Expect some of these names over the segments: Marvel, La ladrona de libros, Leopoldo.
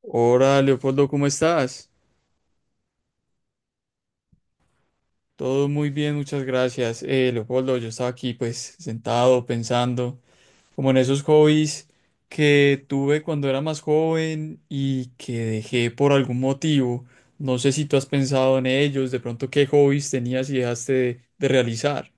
Hola, Leopoldo, ¿cómo estás? Todo muy bien, muchas gracias. Leopoldo, yo estaba aquí pues sentado pensando como en esos hobbies que tuve cuando era más joven y que dejé por algún motivo. No sé si tú has pensado en ellos, de pronto qué hobbies tenías y dejaste de realizar.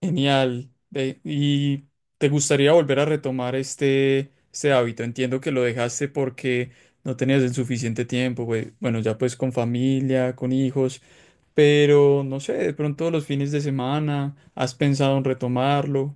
Genial. Ve, ¿y te gustaría volver a retomar este hábito? Entiendo que lo dejaste porque no tenías el suficiente tiempo, güey. Bueno, ya pues con familia, con hijos, pero no sé, de pronto los fines de semana, ¿has pensado en retomarlo?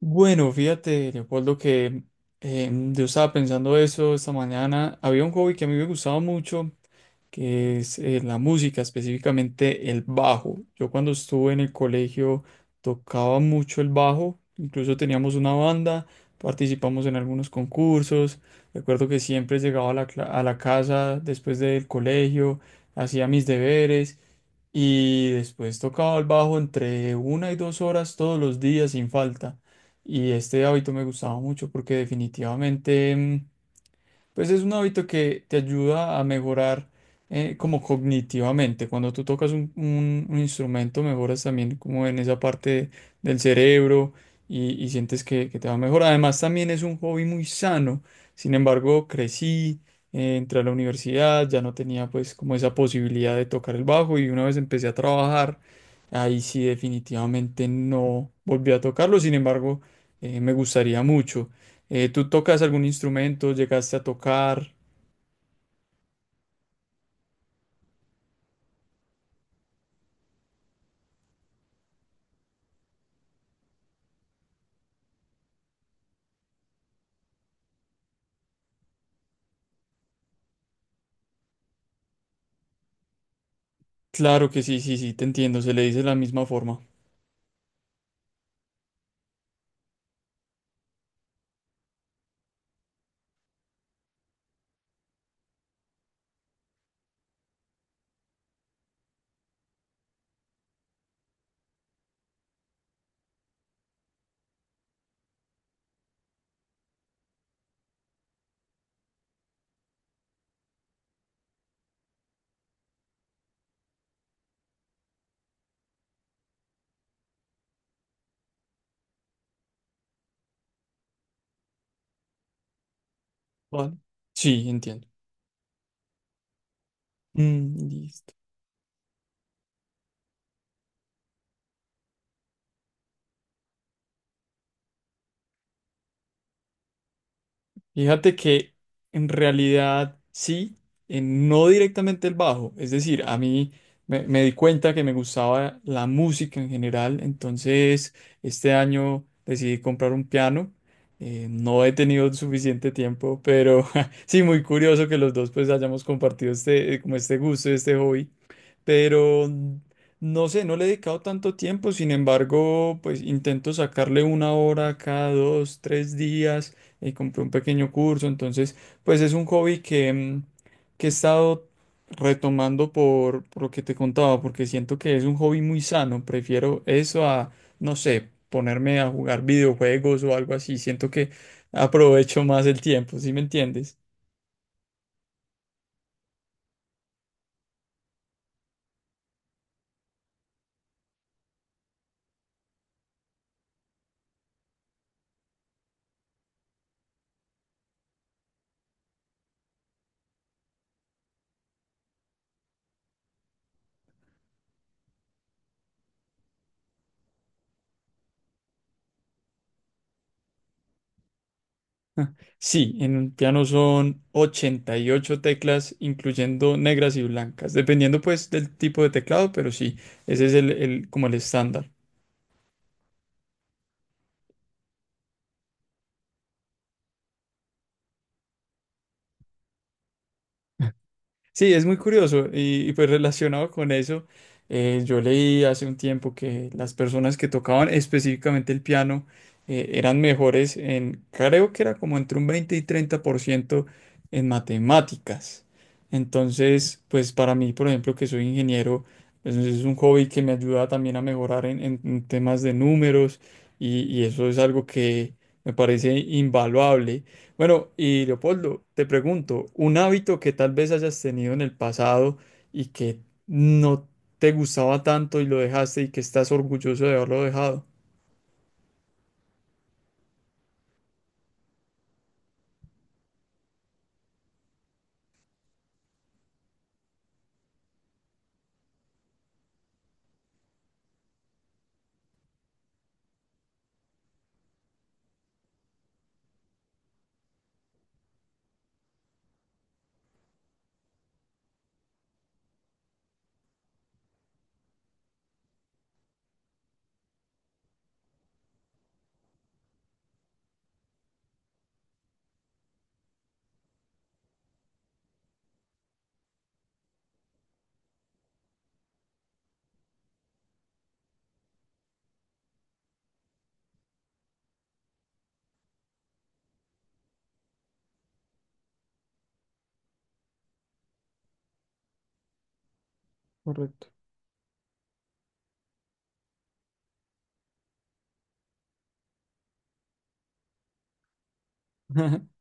Bueno, fíjate, Leopoldo, que yo estaba pensando eso esta mañana. Había un hobby que a mí me gustaba mucho que es la música, específicamente el bajo. Yo cuando estuve en el colegio tocaba mucho el bajo, incluso teníamos una banda, participamos en algunos concursos. Recuerdo que siempre llegaba a a la casa después del colegio, hacía mis deberes y después tocaba el bajo entre 1 y 2 horas todos los días sin falta. Y este hábito me gustaba mucho porque pues es un hábito que te ayuda a mejorar como cognitivamente. Cuando tú tocas un instrumento, mejoras también como en esa parte del cerebro y sientes que te va a mejorar. Además, también es un hobby muy sano. Sin embargo, crecí, entré a la universidad, ya no tenía pues como esa posibilidad de tocar el bajo y una vez empecé a trabajar, ahí sí definitivamente no volví a tocarlo. Sin embargo, me gustaría mucho. ¿Tú tocas algún instrumento? ¿Llegaste a tocar? Claro que sí, sí, sí, te entiendo, se le dice de la misma forma. Vale. Sí, entiendo. Mm, listo. Fíjate que en realidad sí, no directamente el bajo, es decir, a mí me di cuenta que me gustaba la música en general, entonces este año decidí comprar un piano. No he tenido suficiente tiempo, pero sí, muy curioso que los dos pues hayamos compartido este, como este gusto, este hobby. Pero no sé, no le he dedicado tanto tiempo, sin embargo, pues intento sacarle una hora cada 2, 3 días, y compré un pequeño curso, entonces, pues es un hobby que que he estado retomando por lo que te contaba, porque siento que es un hobby muy sano, prefiero eso a, no sé, ponerme a jugar videojuegos o algo así, siento que aprovecho más el tiempo, ¿sí me entiendes? Ah, sí, en un piano son 88 teclas, incluyendo negras y blancas, dependiendo pues del tipo de teclado, pero sí, ese es como el estándar. Sí, es muy curioso pues relacionado con eso, yo leí hace un tiempo que las personas que tocaban específicamente el piano eran mejores en, creo que era como entre un 20 y 30 por ciento en matemáticas. Entonces, pues para mí, por ejemplo, que soy ingeniero, pues, es un hobby que me ayuda también a mejorar en temas de números y eso es algo que me parece invaluable. Bueno, y Leopoldo, te pregunto, un hábito que tal vez hayas tenido en el pasado y que no te gustaba tanto y lo dejaste y que estás orgulloso de haberlo dejado. Correcto.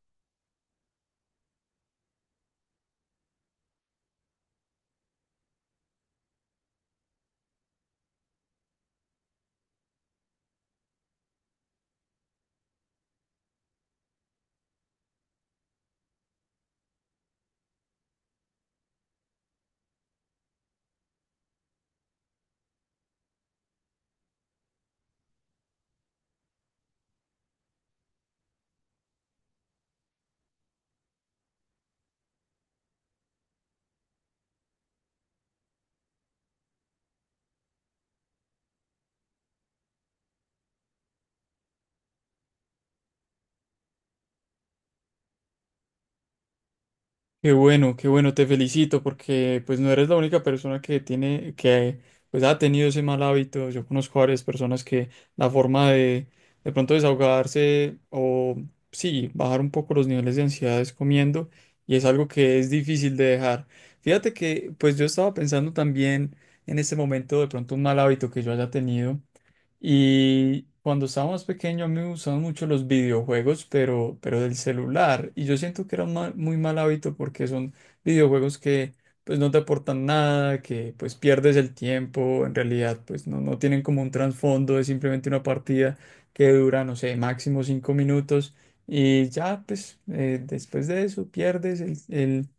Qué bueno, te felicito porque pues no eres la única persona que tiene, que pues ha tenido ese mal hábito. Yo conozco varias personas que la forma de pronto desahogarse o sí, bajar un poco los niveles de ansiedad es comiendo y es algo que es difícil de dejar. Fíjate que pues yo estaba pensando también en este momento de pronto un mal hábito que yo haya tenido. Y cuando estaba más pequeño a mí me gustaban mucho los videojuegos, pero del celular. Y yo siento que era un muy mal hábito porque son videojuegos que pues no te aportan nada, que pues pierdes el tiempo, en realidad pues no, no tienen como un trasfondo, es simplemente una partida que dura, no sé, máximo 5 minutos. Y ya pues después de eso pierdes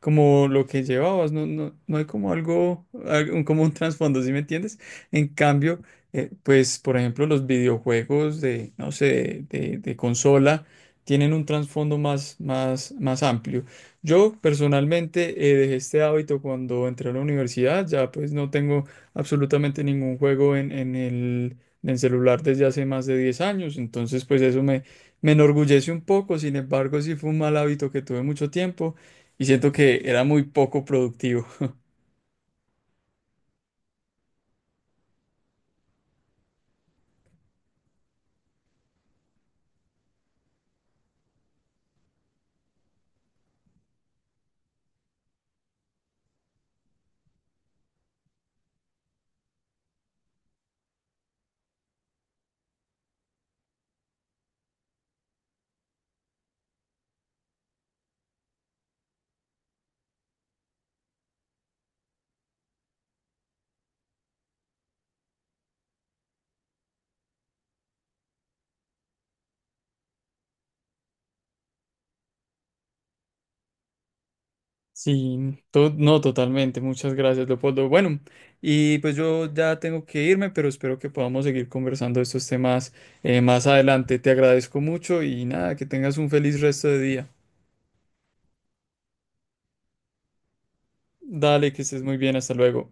como lo que llevabas, no, no, no hay como algo, como un trasfondo, ¿sí me entiendes? En cambio pues, por ejemplo, los videojuegos de, no sé, de consola tienen un trasfondo más, más, más amplio. Yo personalmente dejé este hábito cuando entré a la universidad, ya pues no tengo absolutamente ningún juego en el celular desde hace más de 10 años, entonces pues eso me enorgullece un poco, sin embargo sí fue un mal hábito que tuve mucho tiempo y siento que era muy poco productivo. Sí, no, totalmente. Muchas gracias, Leopoldo. Bueno, y pues yo ya tengo que irme, pero espero que podamos seguir conversando de estos temas más adelante. Te agradezco mucho y nada, que tengas un feliz resto de día. Dale, que estés muy bien. Hasta luego.